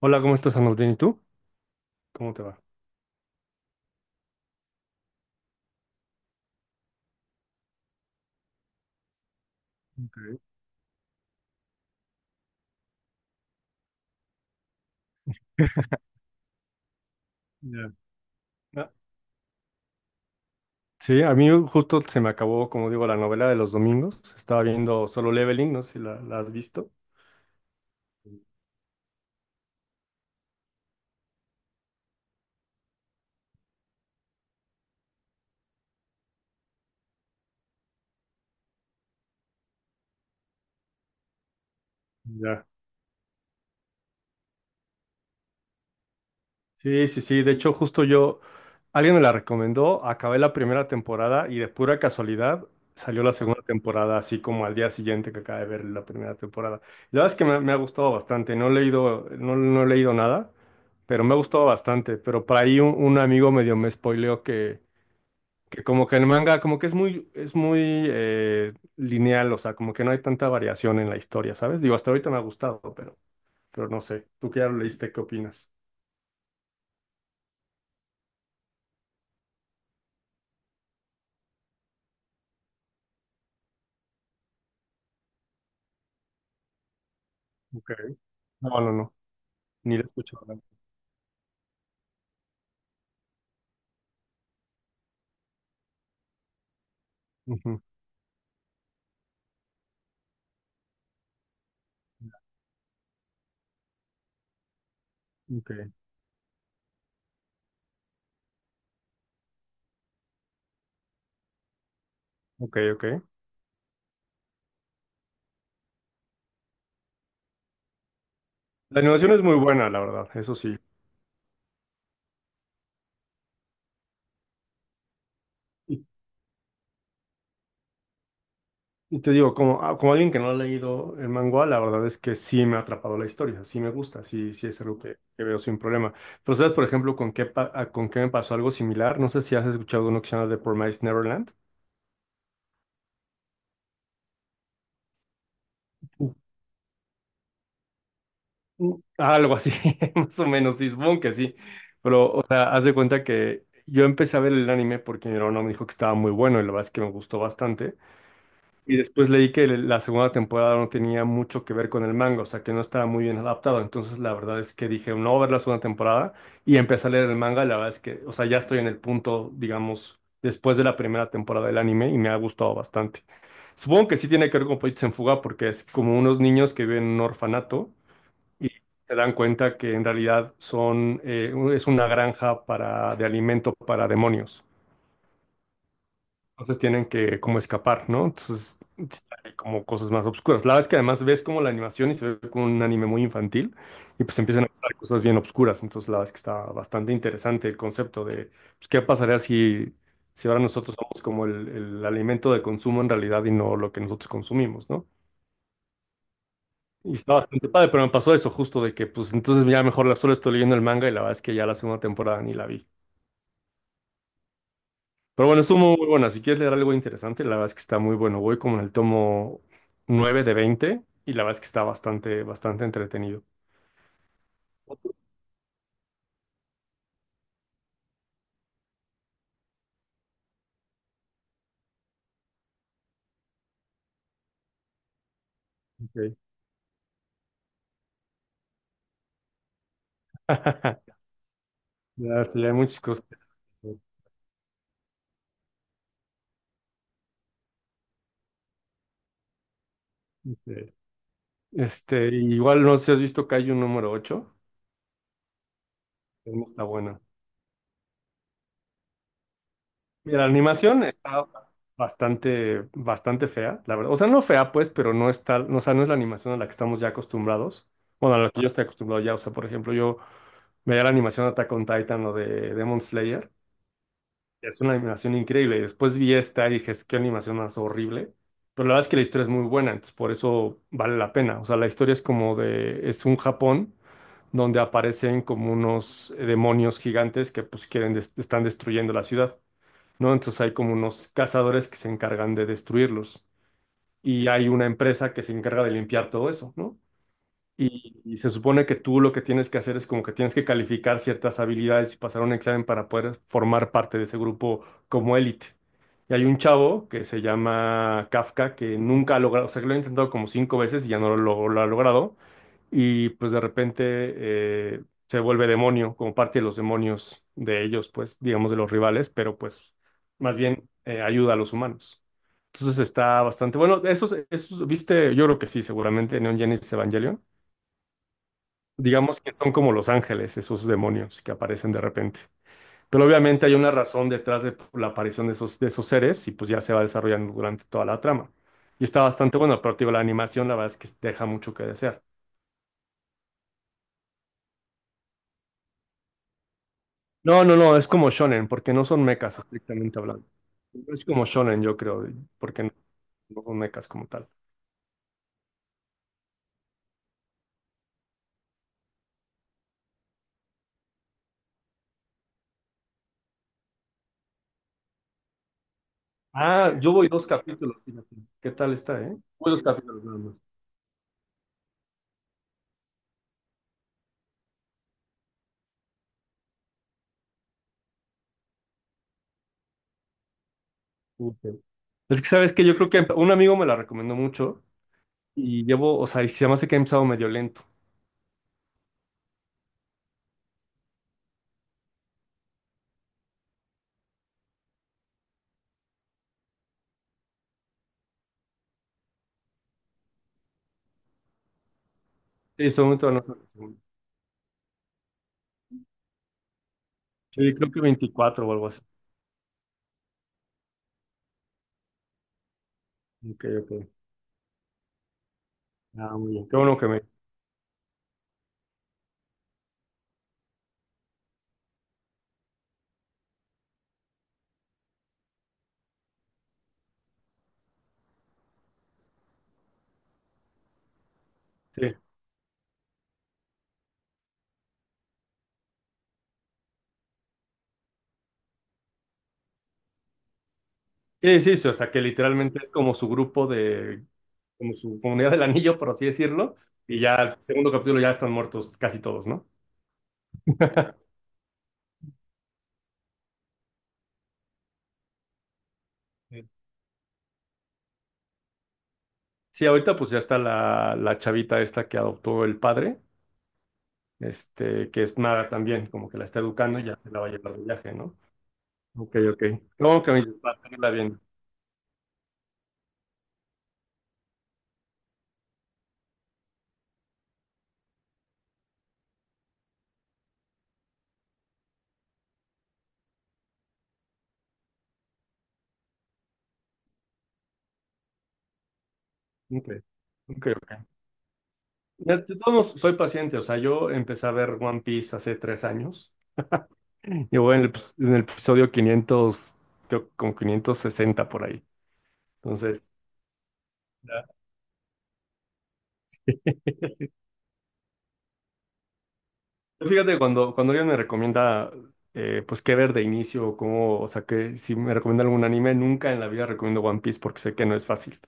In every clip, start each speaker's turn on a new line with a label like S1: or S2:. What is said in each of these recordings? S1: Hola, ¿cómo estás, Andrés? ¿Bien? ¿Y tú? ¿Cómo te va? Ok. Ya. Ah. Sí, a mí justo se me acabó, como digo, la novela de los domingos. Estaba viendo Solo Leveling, no sé si la has visto. Ya. Sí, sí, sí. De hecho, justo yo, alguien me la recomendó, acabé la primera temporada y de pura casualidad salió la segunda temporada, así como al día siguiente que acabé de ver la primera temporada. La verdad es que me ha gustado bastante. No he leído, no, no he leído nada, pero me ha gustado bastante. Pero por ahí un amigo medio me spoileó que como que el manga, como que es muy lineal, o sea, como que no hay tanta variación en la historia, ¿sabes? Digo, hasta ahorita me ha gustado, pero no sé. ¿Tú que ya lo leíste, qué opinas? Ok. No, no, no, ni le escucho hablar. Ujú. Ok, ok, ok. La animación es muy buena, la verdad, eso sí. Y, y te digo, como, ah, como alguien que no ha leído el manga, la verdad es que sí me ha atrapado la historia, sí me gusta, sí, sí es algo que veo sin problema. Pero ¿sabes, por ejemplo, con qué, con qué me pasó algo similar? No sé si has escuchado uno que se llama The Promised Neverland. Mm, Algo así, más o menos, sí, supongo que sí. Pero, o sea, haz de cuenta que yo empecé a ver el anime porque mi hermano me dijo que estaba muy bueno y la verdad es que me gustó bastante. Y después leí que la segunda temporada no tenía mucho que ver con el manga, o sea, que no estaba muy bien adaptado. Entonces, la verdad es que dije, no voy a ver la segunda temporada y empecé a leer el manga. Y la verdad es que, o sea, ya estoy en el punto, digamos, después de la primera temporada del anime y me ha gustado bastante. Supongo que sí tiene que ver con Pollitos en Fuga porque es como unos niños que viven en un orfanato y se dan cuenta que en realidad son, es una granja de alimento para demonios. Entonces tienen que como escapar, ¿no? Entonces sí hay como cosas más obscuras. La verdad es que además ves como la animación y se ve como un anime muy infantil y pues empiezan a pasar cosas bien obscuras. Entonces la verdad es que está bastante interesante el concepto de pues, qué pasaría si, si ahora nosotros somos como el alimento de consumo en realidad y no lo que nosotros consumimos, ¿no? Y está bastante padre, pero me pasó eso justo de que, pues entonces ya mejor la solo estoy leyendo el manga y la verdad es que ya la segunda temporada ni la vi. Pero bueno, es muy buena. Si quieres leer algo interesante, la verdad es que está muy bueno. Voy como en el tomo 9 de 20 y la verdad es que está bastante, bastante entretenido. Ok. Ya, sí, hay muchas cosas. Ok. Este, igual no sé si has visto Kaiju número 8. También está buena. Mira, la animación está bastante, bastante fea, la verdad. O sea, no fea, pues, pero no está, no, o sea, no es la animación a la que estamos ya acostumbrados. Bueno, a la que yo estoy acostumbrado ya. O sea, por ejemplo, yo veía la animación de Attack on Titan o de Demon Slayer. Es una animación increíble. Y después vi esta y dije, "Es- qué animación más horrible." Pero la verdad es que la historia es muy buena, entonces por eso vale la pena. O sea, la historia es como de, es un Japón donde aparecen como unos demonios gigantes que pues quieren, están destruyendo la ciudad. ¿No? Entonces hay como unos cazadores que se encargan de destruirlos y hay una empresa que se encarga de limpiar todo eso, ¿no? Y se supone que tú lo que tienes que hacer es como que tienes que calificar ciertas habilidades y pasar un examen para poder formar parte de ese grupo como élite. Y hay un chavo que se llama Kafka que nunca ha logrado, o sea, que lo ha intentado como cinco veces y ya no lo ha logrado y pues de repente se vuelve demonio, como parte de los demonios de ellos, pues digamos de los rivales, pero pues más bien ayuda a los humanos. Entonces está bastante bueno. Esos, viste, yo creo que sí, seguramente Neon Genesis Evangelion. Digamos que son como los ángeles, esos demonios que aparecen de repente. Pero obviamente hay una razón detrás de la aparición de esos seres y pues ya se va desarrollando durante toda la trama. Y está bastante bueno, pero te digo, la animación la verdad es que deja mucho que desear. No, no, no, es como shonen, porque no son mechas estrictamente hablando. Es como shonen, yo creo, porque no son mechas como tal. Ah, yo voy dos capítulos, fíjate. ¿Qué tal está, eh? Voy dos capítulos nada más. Ok. Es que sabes que yo creo que un amigo me la recomendó mucho y llevo, o sea, y se me hace que he empezado medio lento. Sí, estoy muy todavía no sé la segunda. Sí, creo que 24, o algo así. Ok, ok. Ah, muy bien. Qué bueno que me. Sí, sí, sí, sí, o sea, que literalmente es como su grupo de como su comunidad del anillo, por así decirlo, y ya el segundo capítulo ya están muertos casi todos, ¿no? Sí. Sí, ahorita pues ya está la chavita esta que adoptó el padre, este, que es maga también, como que la está educando y ya se la va a llevar de viaje, ¿no? Ok, ok. ¿Cómo que me dices? Para tenerla bien. Ok, ok, ok. De todos modos, soy paciente, o sea, yo empecé a ver One Piece hace 3 años. Y voy en el, en el episodio 500 creo, como 560 por ahí. Entonces, fíjate, cuando, cuando alguien me recomienda, pues, qué ver de inicio, o cómo, o sea, que si me recomienda algún anime, nunca en la vida recomiendo One Piece porque sé que no es fácil.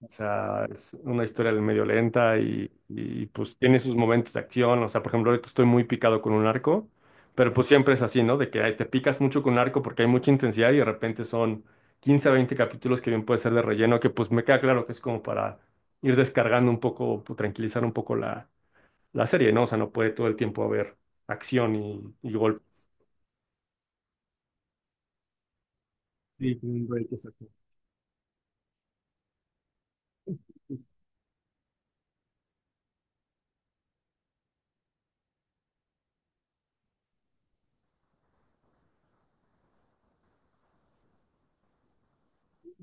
S1: O sea, es una historia medio lenta y, pues, tiene sus momentos de acción. O sea, por ejemplo, ahorita estoy muy picado con un arco, pero pues siempre es así, ¿no? De que ay, te picas mucho con un arco porque hay mucha intensidad y de repente son 15 a 20 capítulos que bien puede ser de relleno, que pues me queda claro que es como para ir descargando un poco, pues, tranquilizar un poco la la serie, ¿no? O sea, no puede todo el tiempo haber acción y golpes. Sí, un break, exacto.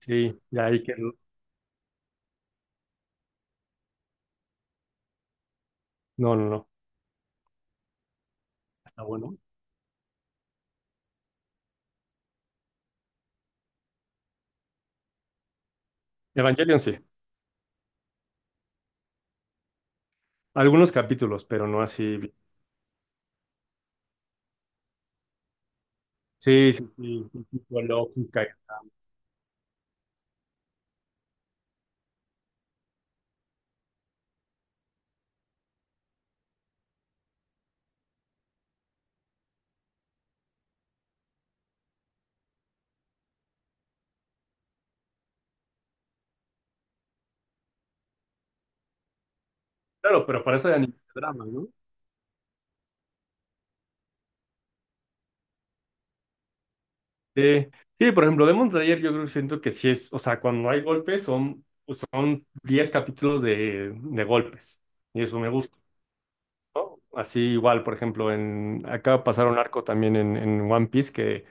S1: Sí, de ahí que... No, no, no. Está bueno. Evangelion sí. Algunos capítulos, pero no así. Sí, sí, sí, sí, tipo lógica. Claro, pero para eso hay anime. Drama, ¿no? Sí, sí, por ejemplo, Demon Slayer yo creo que siento que sí es, o sea, cuando hay golpes son 10 capítulos de golpes. Y eso me gusta. ¿No? Así igual, por ejemplo, en acaba pasar un arco también en One Piece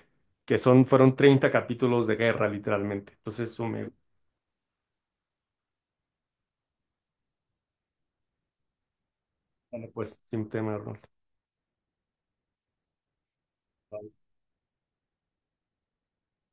S1: que son, fueron 30 capítulos de guerra, literalmente. Entonces, eso me... Vale, pues, sin tema, Arnold.